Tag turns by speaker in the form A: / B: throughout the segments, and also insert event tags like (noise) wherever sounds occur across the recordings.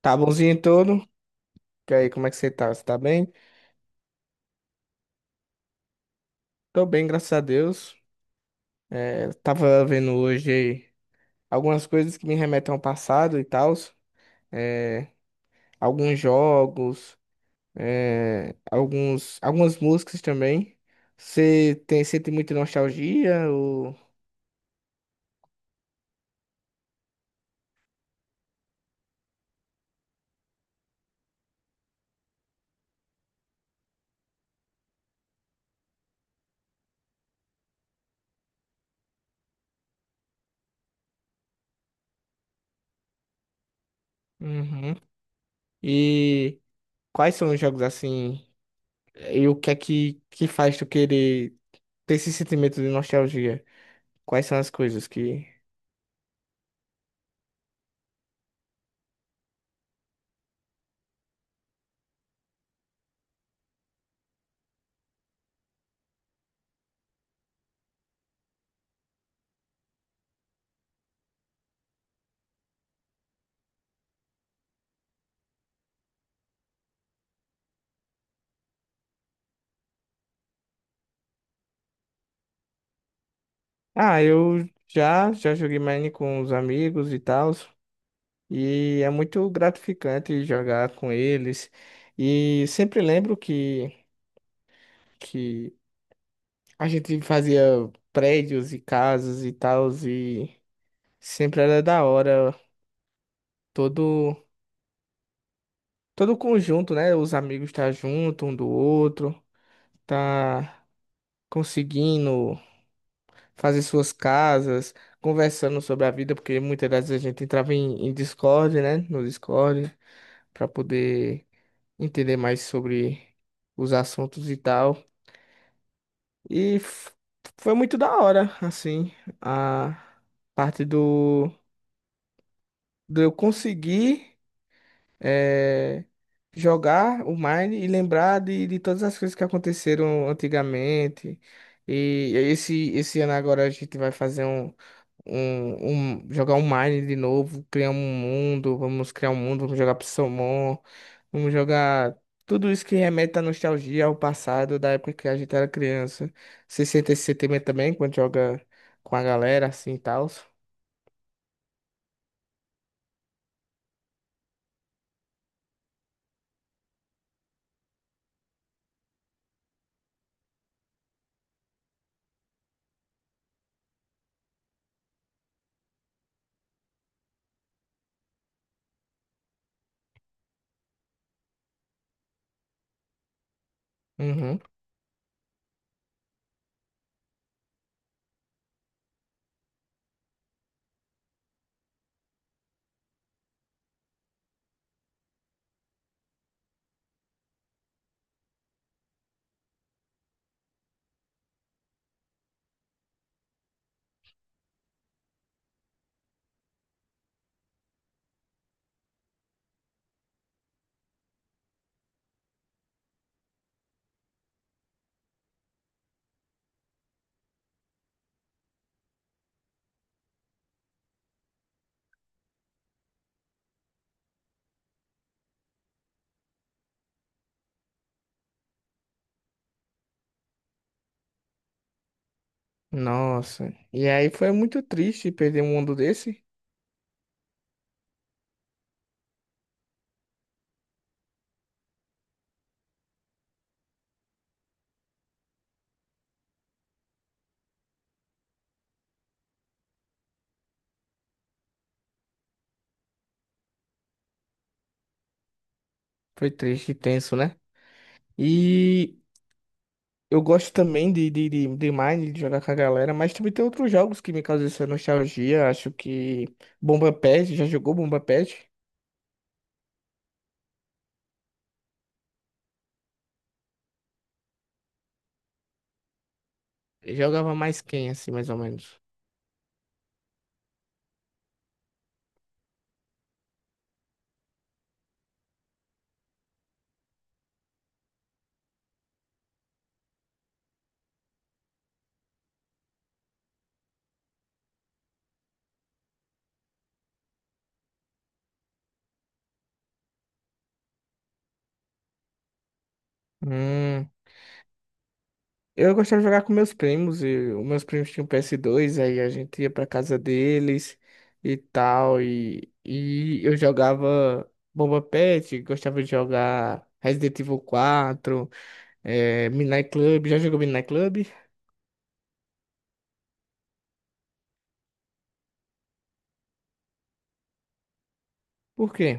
A: Tá bonzinho todo? E aí, como é que você tá? Você tá bem? Tô bem, graças a Deus. É, tava vendo hoje algumas coisas que me remetem ao passado e tal. É, alguns jogos, é, algumas músicas também. Você sente muita nostalgia? Ou... Uhum. E quais são os jogos assim? E o que é que faz tu querer ter esse sentimento de nostalgia? Quais são as coisas que... Ah, eu já joguei Mine com os amigos e tal, e é muito gratificante jogar com eles. E sempre lembro que a gente fazia prédios e casas e tal, e sempre era da hora todo todo o conjunto, né? Os amigos estar junto um do outro, tá conseguindo fazer suas casas, conversando sobre a vida, porque muitas das vezes a gente entrava em Discord, né? No Discord. Para poder entender mais sobre os assuntos e tal. E f- foi muito da hora, assim, a parte do eu conseguir. eh, jogar o Mine e lembrar de todas as coisas que aconteceram antigamente. E esse ano agora a gente vai fazer jogar um Mine de novo, criar um mundo, vamos criar um mundo, vamos jogar Psalmon, vamos jogar tudo isso que remete à nostalgia, ao passado, da época que a gente era criança. Você sente esse sentimento também quando joga com a galera assim e tal? Uhum. Nossa, e aí foi muito triste perder um mundo desse. Foi triste e tenso, né? E eu gosto também de Mine, de jogar com a galera, mas também tem outros jogos que me causam essa nostalgia. Acho que Bomba Patch, já jogou Bomba Patch? Jogava mais quem, assim, mais ou menos? Hum, eu gostava de jogar com meus primos, e os meus primos tinham PS2, aí a gente ia pra casa deles e tal, e eu jogava Bomba Patch, gostava de jogar Resident Evil 4, Midnight Club, já jogou Midnight Club? Por quê?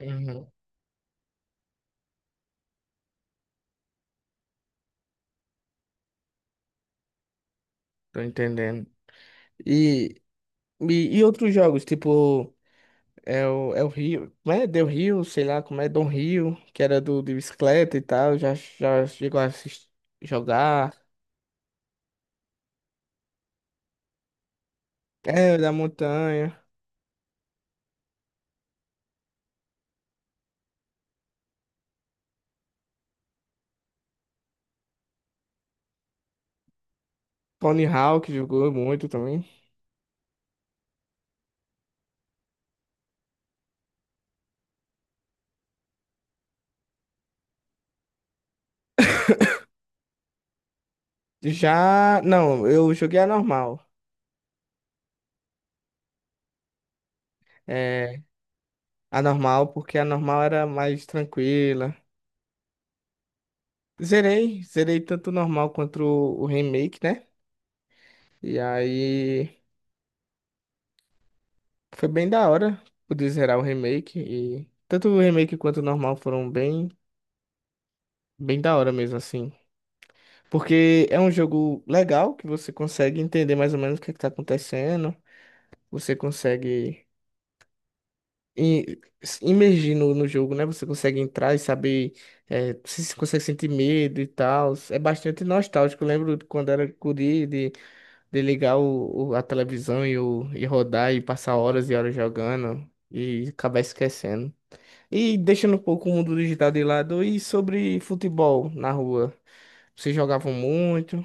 A: Uhum, tô entendendo. E, e outros jogos, tipo, é o Rio, né? Del Rio, sei lá como é, Don Rio, que era do de bicicleta e tal, já chegou a assistir, jogar. É, da montanha. Tony Hawk jogou muito também. (coughs) Já, não, eu joguei a normal. É, a normal, porque a normal era mais tranquila. Zerei tanto o normal quanto o remake, né? E aí. Foi bem da hora poder zerar o remake e tanto o remake quanto o normal foram bem, bem da hora mesmo assim. Porque é um jogo legal que você consegue entender mais ou menos o que está acontecendo, você consegue se imergir no jogo, né? Você consegue entrar e saber se consegue sentir medo e tal. É bastante nostálgico. Eu lembro de quando era guri de ligar a televisão e rodar e passar horas e horas jogando e acabar esquecendo. E deixando um pouco o mundo digital de lado, e sobre futebol na rua? Vocês jogavam muito?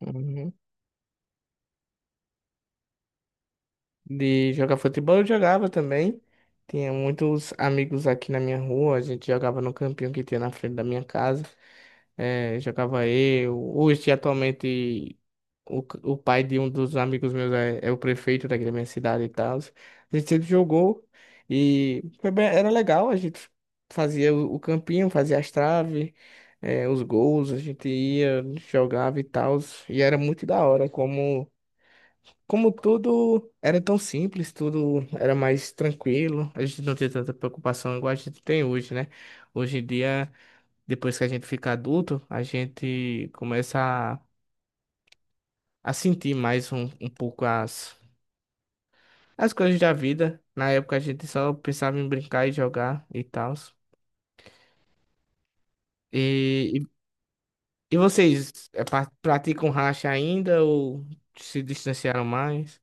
A: Uhum. De jogar futebol eu jogava também. Tinha muitos amigos aqui na minha rua. A gente jogava no campinho que tinha na frente da minha casa. Eh, jogava eu. Hoje, atualmente, o pai de um dos amigos meus é o prefeito daqui da minha cidade e tal. A gente sempre jogou e era legal. A gente fazia o campinho, fazia as traves, eh, os gols. A gente ia, jogava e tal. E era muito da hora Como tudo era tão simples, tudo era mais tranquilo, a gente não tinha tanta preocupação igual a gente tem hoje, né? Hoje em dia, depois que a gente fica adulto, a gente começa a, a sentir mais um pouco as coisas da vida. Na época a gente só pensava em brincar e jogar e tal. E, e, e vocês praticam racha ainda ou se distanciaram mais?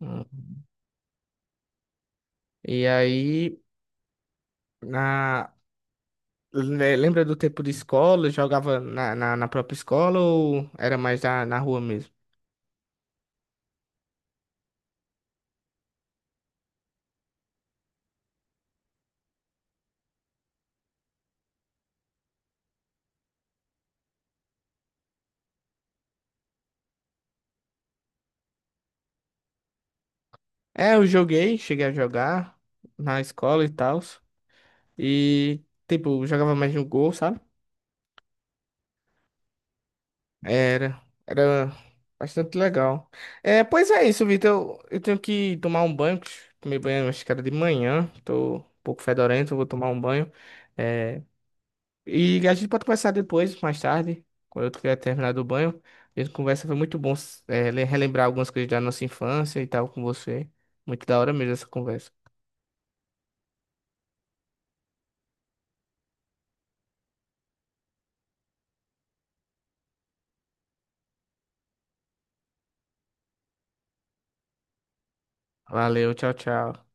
A: Hum. E aí. Lembra do tempo de escola? Jogava na própria escola ou era mais na rua mesmo? É, eu joguei, cheguei a jogar na escola e tal. E, tipo, jogava mais no gol, sabe? Era, era bastante legal. É, pois é isso, Vitor. Eu tenho que tomar um banho. Que Tomei banho, acho que era de manhã. Tô um pouco fedorento, vou tomar um banho. É. E a gente pode conversar depois, mais tarde, quando eu tiver terminado o banho. A gente conversa, foi muito bom, relembrar algumas coisas da nossa infância e tal com você. Muito da hora mesmo essa conversa. Valeu, tchau, tchau.